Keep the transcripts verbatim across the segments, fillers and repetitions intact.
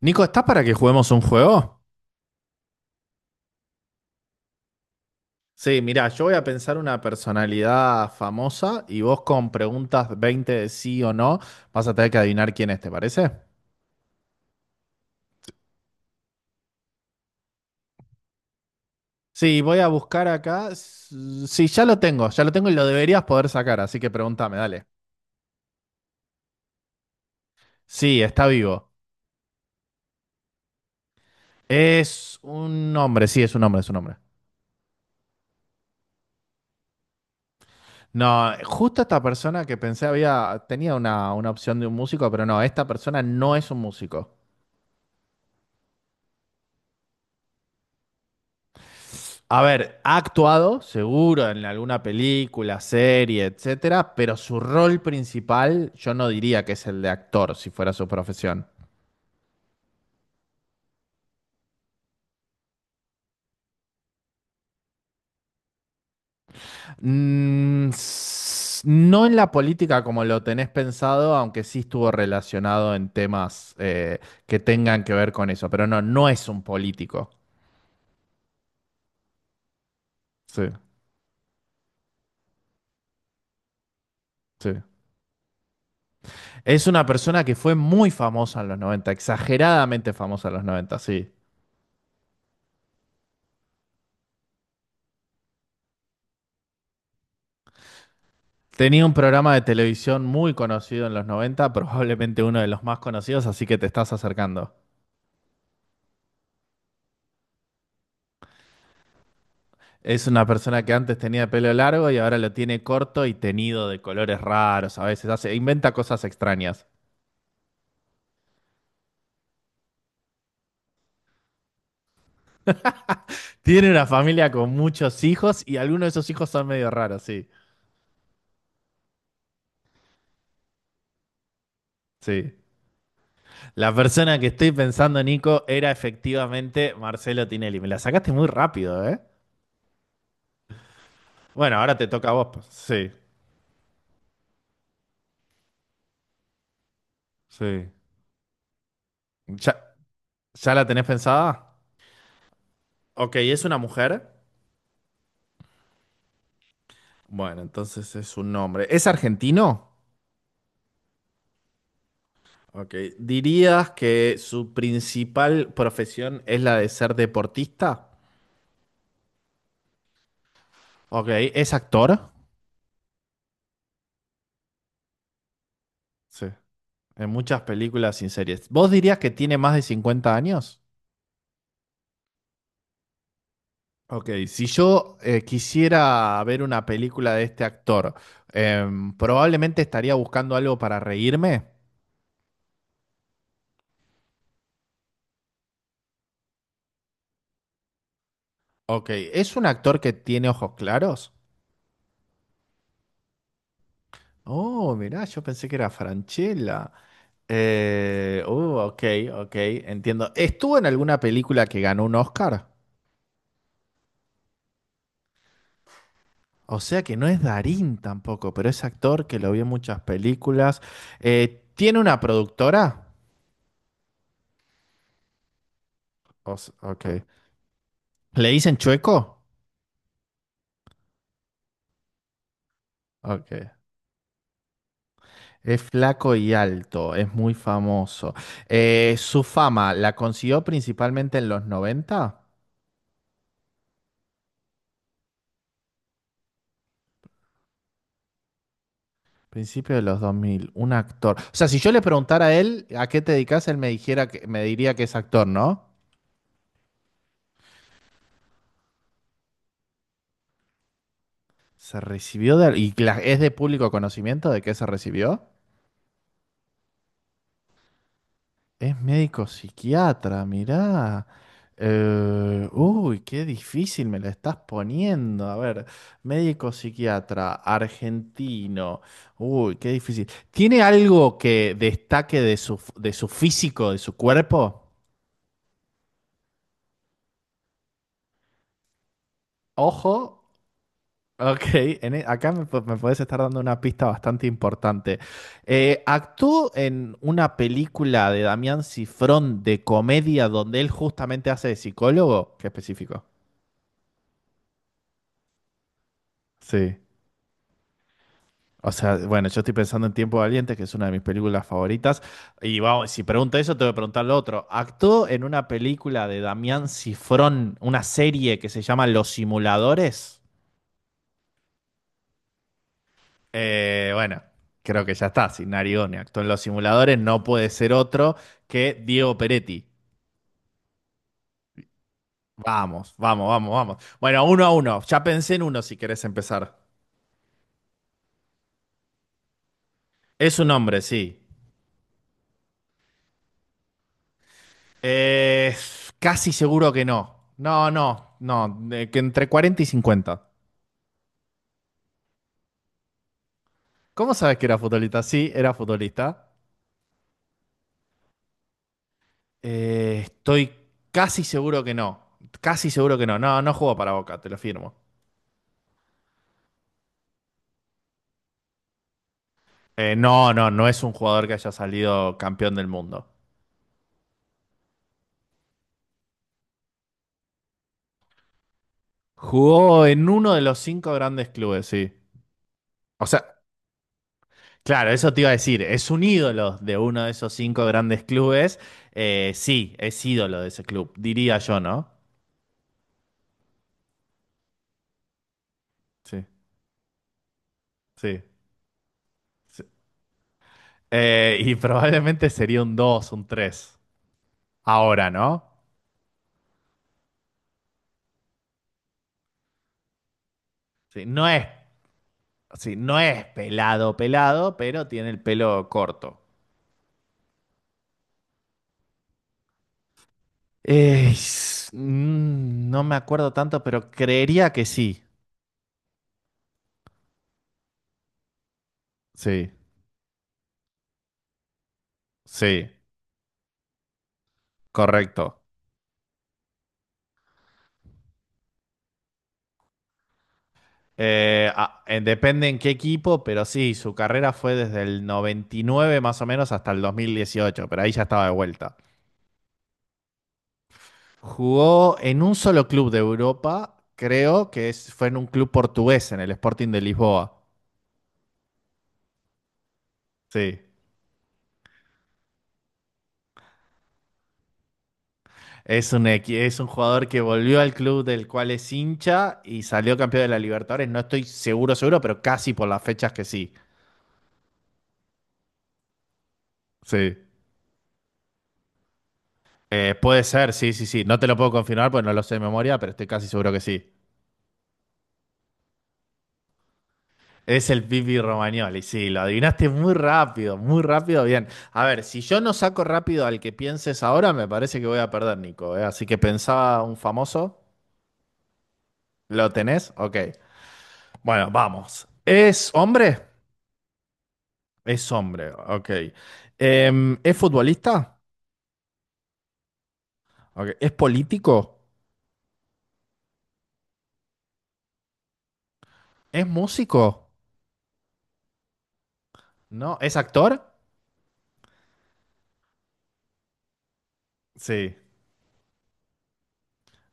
Nico, ¿estás para que juguemos un juego? Sí, mirá, yo voy a pensar una personalidad famosa y vos con preguntas veinte de sí o no vas a tener que adivinar quién es, ¿te parece? Sí, voy a buscar acá. S- Sí, ya lo tengo, ya lo tengo y lo deberías poder sacar, así que pregúntame, dale. Sí, está vivo. Es un hombre, sí, es un hombre, es un hombre. No, justo esta persona que pensé había, tenía una, una opción de un músico, pero no, esta persona no es un músico. A ver, ha actuado, seguro, en alguna película, serie, etcétera, pero su rol principal yo no diría que es el de actor, si fuera su profesión. Mm, s- no en la política como lo tenés pensado, aunque sí estuvo relacionado en temas eh, que tengan que ver con eso, pero no, no es un político. Sí, sí. Es una persona que fue muy famosa en los noventa, exageradamente famosa en los noventa. Sí. Tenía un programa de televisión muy conocido en los noventa, probablemente uno de los más conocidos, así que te estás acercando. Es una persona que antes tenía pelo largo y ahora lo tiene corto y tenido de colores raros, a veces hace, inventa cosas extrañas. Tiene una familia con muchos hijos y algunos de esos hijos son medio raros, sí. Sí. La persona que estoy pensando, Nico, era efectivamente Marcelo Tinelli. Me la sacaste muy rápido, ¿eh? Bueno, ahora te toca a vos, pues. Sí, sí. ¿Ya, ya la tenés pensada? Ok, ¿es una mujer? Bueno, entonces es un nombre. ¿Es argentino? Ok. ¿Dirías que su principal profesión es la de ser deportista? Ok. ¿Es actor? Sí. En muchas películas y series. ¿Vos dirías que tiene más de cincuenta años? Ok. Si yo eh, quisiera ver una película de este actor, em, probablemente estaría buscando algo para reírme. Ok. ¿Es un actor que tiene ojos claros? Oh, mirá, yo pensé que era Franchella. Eh, uh, ok, ok, entiendo. Estuvo en alguna película que ganó un Oscar. O sea que no es Darín tampoco, pero es actor que lo vi en muchas películas. Eh, ¿tiene una productora? O s- ok. ¿Le dicen Chueco? Ok. Es flaco y alto, es muy famoso. Eh, ¿su fama la consiguió principalmente en los noventa? Principio de los dos mil, un actor. O sea, si yo le preguntara a él a qué te dedicas, él me dijera que, me diría que es actor, ¿no? Se recibió de... ¿Y cla- es de público conocimiento de qué se recibió? Es médico psiquiatra, mirá. Eh, uy, qué difícil me la estás poniendo. A ver, médico psiquiatra, argentino. Uy, qué difícil. ¿Tiene algo que destaque de su, de su físico, de su cuerpo? Ojo. Ok, en e- acá me, pu- me puedes estar dando una pista bastante importante. Eh, actuó en una película de Damián Cifrón de comedia donde él justamente hace de psicólogo. Qué específico. Sí. O sea, bueno, yo estoy pensando en Tiempo Valiente, que es una de mis películas favoritas. Y vamos, si pregunto eso, te voy a preguntar lo otro. Actuó en una película de Damián Cifrón, una serie que se llama Los Simuladores. Eh, bueno, creo que ya está. Si Narione actuó en los simuladores, no puede ser otro que Diego Peretti. Vamos, vamos, vamos, vamos. Bueno, uno a uno. Ya pensé en uno si querés empezar. Es un hombre, sí. Eh, casi seguro que no. No, no, no. Eh, que entre cuarenta y cincuenta. ¿Cómo sabes que era futbolista? Sí, era futbolista. Eh, estoy casi seguro que no. Casi seguro que no. No, no jugó para Boca, te lo firmo. Eh, no, no, no es un jugador que haya salido campeón del mundo. Jugó en uno de los cinco grandes clubes, sí. O sea, claro, eso te iba a decir, es un ídolo de uno de esos cinco grandes clubes. Eh, sí, es ídolo de ese club, diría yo, ¿no? Sí, sí. Sí. Eh, y probablemente sería un dos, un tres. Ahora, ¿no? Sí, no es, sí, no es pelado, pelado, pero tiene el pelo corto. Eh, s- mm, no me acuerdo tanto, pero creería que sí. Sí, sí, correcto. Eh, ah, eh, depende en qué equipo, pero sí, su carrera fue desde el noventa y nueve más o menos hasta el dos mil dieciocho, pero ahí ya estaba de vuelta. Jugó en un solo club de Europa, creo que es- fue en un club portugués, en el Sporting de Lisboa. Sí. Es un, equi- es un jugador que volvió al club del cual es hincha y salió campeón de la Libertadores. No estoy seguro, seguro, pero casi por las fechas que sí. Sí. Eh, puede ser, sí, sí, sí. No te lo puedo confirmar porque no lo sé de memoria, pero estoy casi seguro que sí. Es el Pipi Romagnoli, sí, lo adivinaste muy rápido, muy rápido, bien. A ver, si yo no saco rápido al que pienses ahora, me parece que voy a perder, Nico, ¿eh? Así que pensaba un famoso, ¿lo tenés? Ok. Bueno, vamos. ¿Es hombre? Es hombre, ok. Em, ¿es futbolista? Ok. ¿Es político? ¿Es músico? ¿No? ¿Es actor? Sí.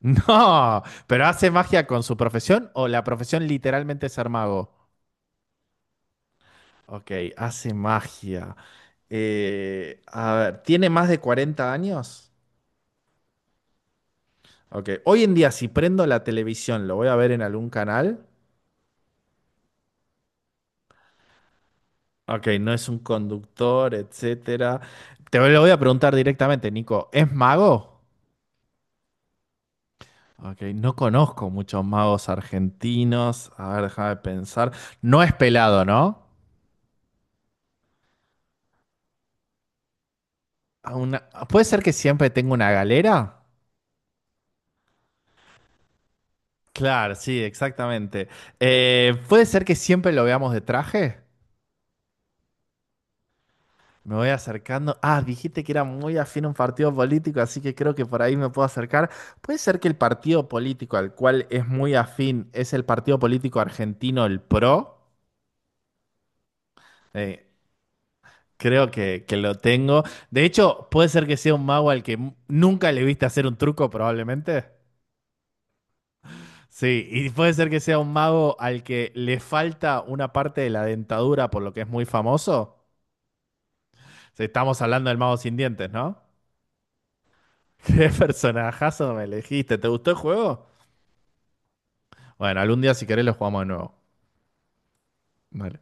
No, pero ¿hace magia con su profesión o la profesión literalmente es ser mago? Ok, hace magia. Eh, a ver, ¿tiene más de cuarenta años? Ok, hoy en día si prendo la televisión, ¿lo voy a ver en algún canal? Ok, no es un conductor, etcétera. Te lo voy a preguntar directamente, Nico, ¿es mago? Ok, no conozco muchos magos argentinos. A ver, déjame pensar. No es pelado, ¿no? A una- ¿Puede ser que siempre tenga una galera? Claro, sí, exactamente. Eh, ¿puede ser que siempre lo veamos de traje? Me voy acercando. Ah, dijiste que era muy afín a un partido político, así que creo que por ahí me puedo acercar. ¿Puede ser que el partido político al cual es muy afín es el partido político argentino, el PRO? Eh, creo que, que lo tengo. De hecho, puede ser que sea un mago al que m- nunca le viste hacer un truco, probablemente. Sí, y puede ser que sea un mago al que le falta una parte de la dentadura, por lo que es muy famoso. Sí, estamos hablando del mago sin dientes, ¿no? ¿Qué personajazo me elegiste? ¿Te gustó el juego? Bueno, algún día si querés lo jugamos de nuevo. Dale.